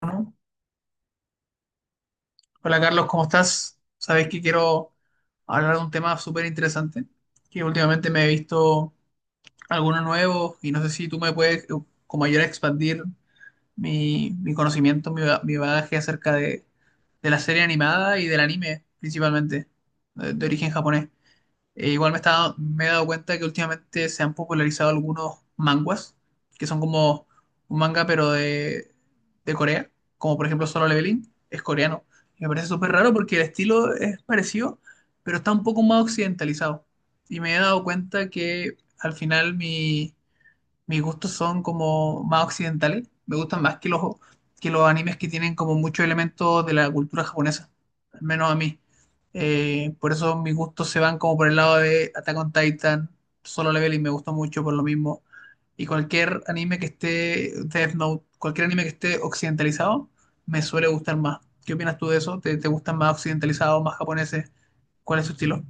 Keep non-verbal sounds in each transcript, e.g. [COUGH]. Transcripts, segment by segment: Bueno, hola Carlos, ¿cómo estás? Sabes que quiero hablar de un tema súper interesante, que últimamente me he visto algunos nuevos y no sé si tú me puedes como ayudar a expandir mi conocimiento, mi, mi bagaje acerca de la serie animada y del anime principalmente, de origen japonés. E igual me he dado cuenta que últimamente se han popularizado algunos manguas, que son como un manga pero de Corea, como por ejemplo Solo Leveling, es coreano. Y me parece súper raro porque el estilo es parecido, pero está un poco más occidentalizado. Y me he dado cuenta que al final mi, mis gustos son como más occidentales, me gustan más que que los animes que tienen como muchos elementos de la cultura japonesa, al menos a mí. Por eso mis gustos se van como por el lado de Attack on Titan, Solo Leveling me gustó mucho por lo mismo. Y cualquier anime que esté, Death Note, cualquier anime que esté occidentalizado, me suele gustar más. ¿Qué opinas tú de eso? Te gustan más occidentalizados, más japoneses? ¿Cuál es su estilo?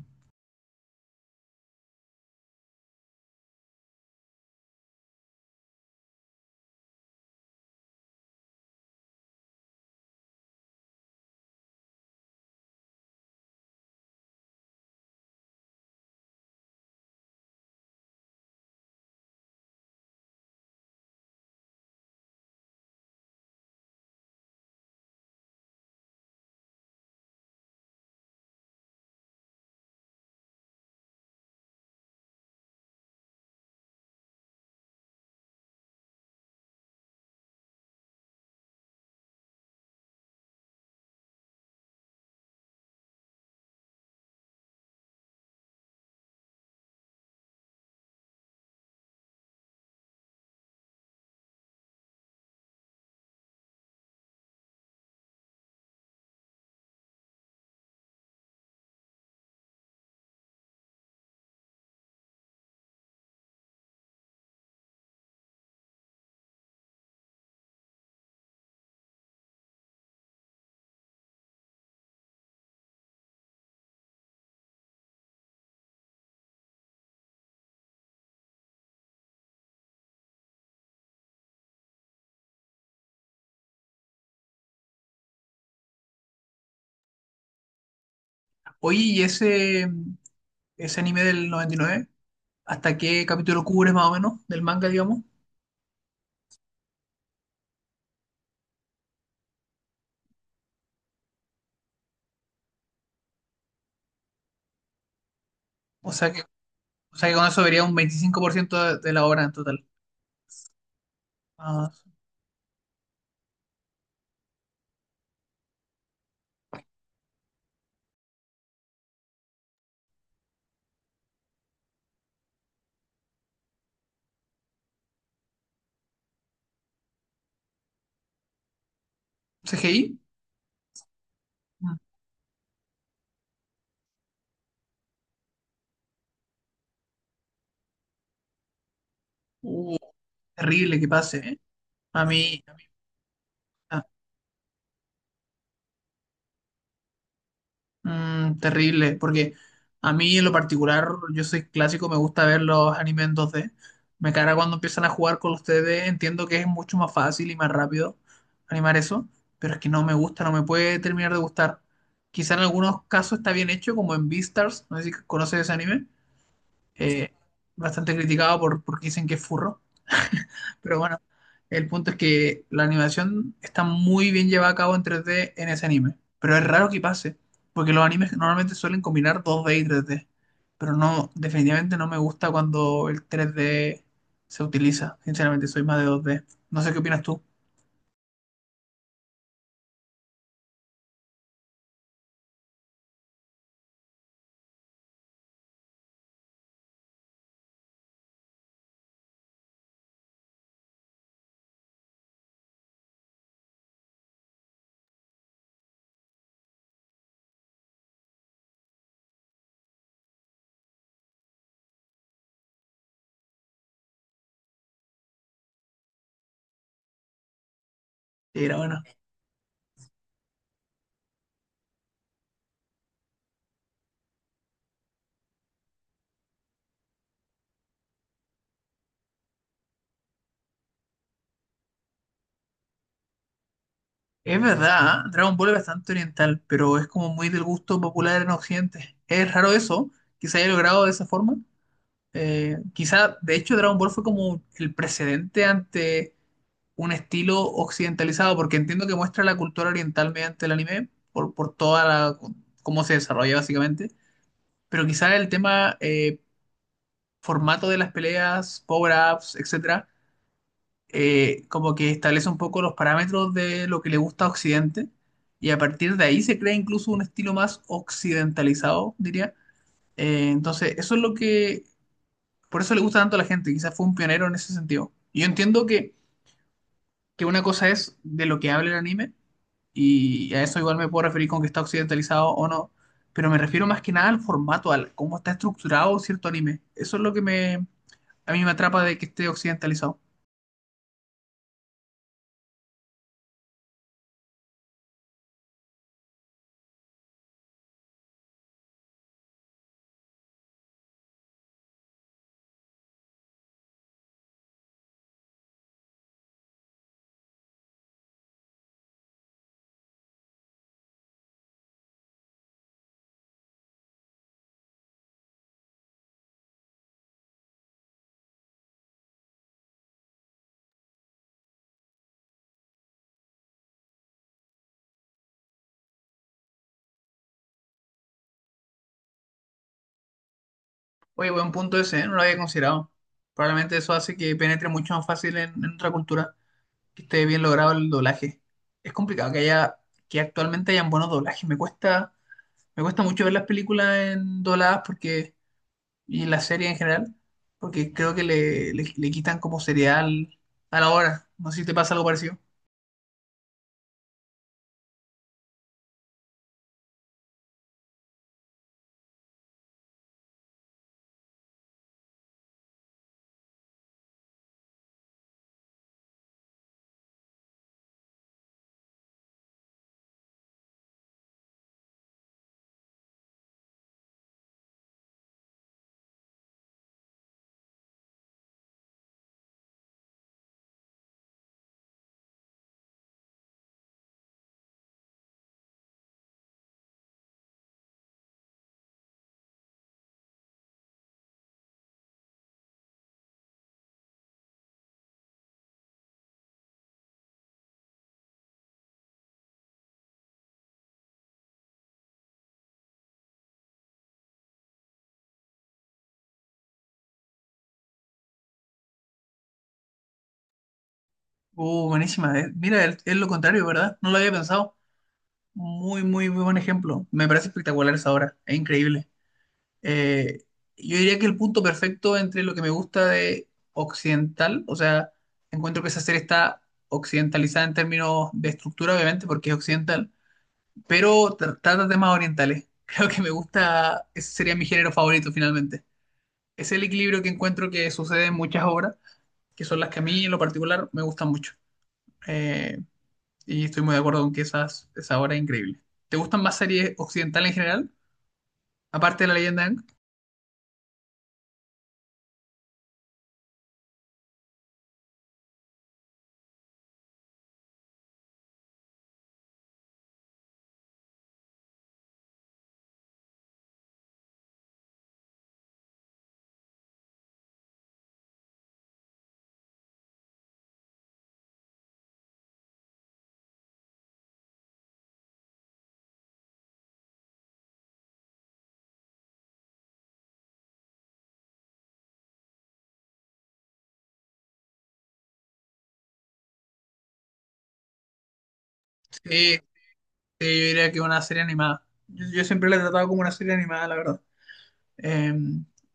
Oye, ¿y ese anime del noventa y nueve, hasta qué capítulo cubres más o menos del manga, digamos? O sea que, o sea que con eso vería un 25% de la obra en total. Ah, ¿CGI? Mm. Uh, terrible que pase, ¿eh? A mí, ah, mm, terrible, porque a mí en lo particular, yo soy clásico, me gusta ver los animes en dos d. Me carga cuando empiezan a jugar con los 3D, entiendo que es mucho más fácil y más rápido animar eso, pero es que no me gusta, no me puede terminar de gustar. Quizá en algunos casos está bien hecho, como en Beastars, no sé si conoces ese anime, eh, bastante criticado porque dicen que es furro, pero bueno, el punto es que la animación está muy bien llevada a cabo en 3D en ese anime, pero es raro que pase, porque los animes normalmente suelen combinar dos d y tres d, pero no, definitivamente no me gusta cuando el tres d se utiliza, sinceramente soy más de dos d. No sé qué opinas tú. Era bueno. Es verdad, ¿eh? Dragon Ball es bastante oriental, pero es como muy del gusto popular en Occidente. Es raro eso, que se haya logrado de esa forma. Quizá, de hecho, Dragon Ball fue como el precedente ante un estilo occidentalizado, porque entiendo que muestra la cultura oriental mediante el anime, por toda la, cómo se desarrolla básicamente, pero quizá el tema formato de las peleas, power-ups, etcétera, como que establece un poco los parámetros de lo que le gusta a Occidente, y a partir de ahí se crea incluso un estilo más occidentalizado, diría. Eso es lo que. Por eso le gusta tanto a la gente, quizás fue un pionero en ese sentido. Y yo entiendo que una cosa es de lo que habla el anime, y a eso igual me puedo referir con que está occidentalizado o no, pero me refiero más que nada al formato, al cómo está estructurado cierto anime. Eso es lo que me, a mí me atrapa de que esté occidentalizado. Oye, buen punto ese, ¿eh? No lo había considerado. Probablemente eso hace que penetre mucho más fácil en otra cultura, que esté bien logrado el doblaje. Es complicado que haya, que actualmente hayan buenos doblajes. Me cuesta mucho ver las películas en dobladas porque, y las series en general, porque creo que le quitan como serial a la hora. No sé si te pasa algo parecido. Buenísima. Eh, mira, es lo contrario, ¿verdad? No lo había pensado. Muy, muy, muy buen ejemplo. Me parece espectacular esa obra. Es increíble. Eh, yo diría que el punto perfecto entre lo que me gusta de occidental, o sea, encuentro que esa serie está occidentalizada en términos de estructura, obviamente, porque es occidental, pero trata temas orientales. [LAUGHS] Creo que me gusta, ese sería mi género favorito finalmente. Es el equilibrio que encuentro que sucede en muchas obras, que son las que a mí en lo particular me gustan mucho. Eh, y estoy muy de acuerdo con que esa obra es increíble. ¿Te gustan más series occidentales en general? Aparte de La Leyenda de Aang. Sí, sí, yo diría que una serie animada. Yo siempre la he tratado como una serie animada, la verdad. Eh,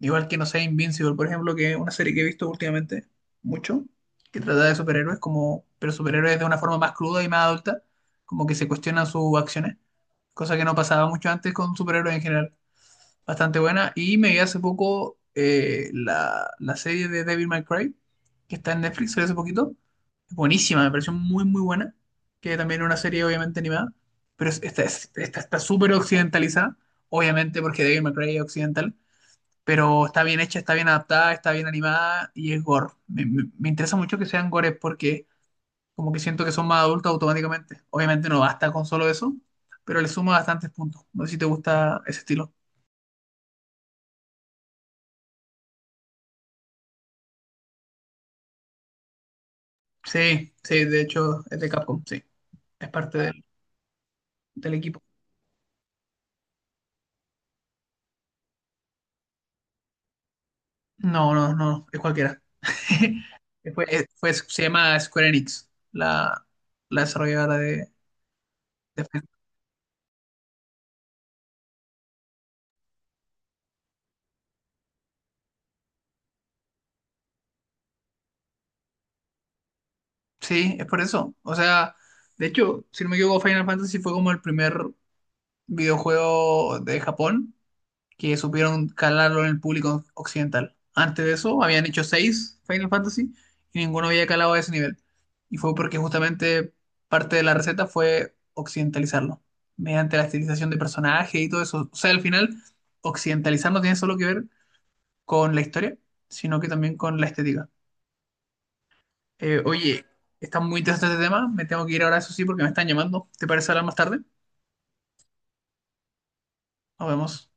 Igual que, no sé, Invincible, por ejemplo, que es una serie que he visto últimamente mucho, que trata de superhéroes, como, pero superhéroes de una forma más cruda y más adulta, como que se cuestionan sus acciones, cosa que no pasaba mucho antes con superhéroes en general. Bastante buena. Y me vi hace poco la serie de David McRae, que está en Netflix, salió hace poquito. Buenísima, me pareció muy, muy buena. Que también es una serie, obviamente, animada. Pero esta está súper occidentalizada, obviamente, porque David McRae es occidental, pero está bien hecha, está bien adaptada, está bien animada y es gore. Me interesa mucho que sean gores porque como que siento que son más adultos automáticamente. Obviamente no basta con solo eso, pero le suma bastantes puntos. No sé si te gusta ese estilo. Sí, sí, de hecho es de Capcom, sí, es parte del, del equipo. No, no, no, es cualquiera. [LAUGHS] Se llama Square Enix, la desarrolladora de Final-. Sí, es por eso. O sea, de hecho, si no me equivoco, Final Fantasy fue como el primer videojuego de Japón que supieron calarlo en el público occidental. Antes de eso habían hecho seis Final Fantasy y ninguno había calado a ese nivel. Y fue porque justamente parte de la receta fue occidentalizarlo, mediante la estilización de personajes y todo eso. O sea, al final, occidentalizar no tiene solo que ver con la historia, sino que también con la estética. Oye, está muy interesante este tema, me tengo que ir ahora, eso sí, porque me están llamando. ¿Te parece hablar más tarde? Nos vemos.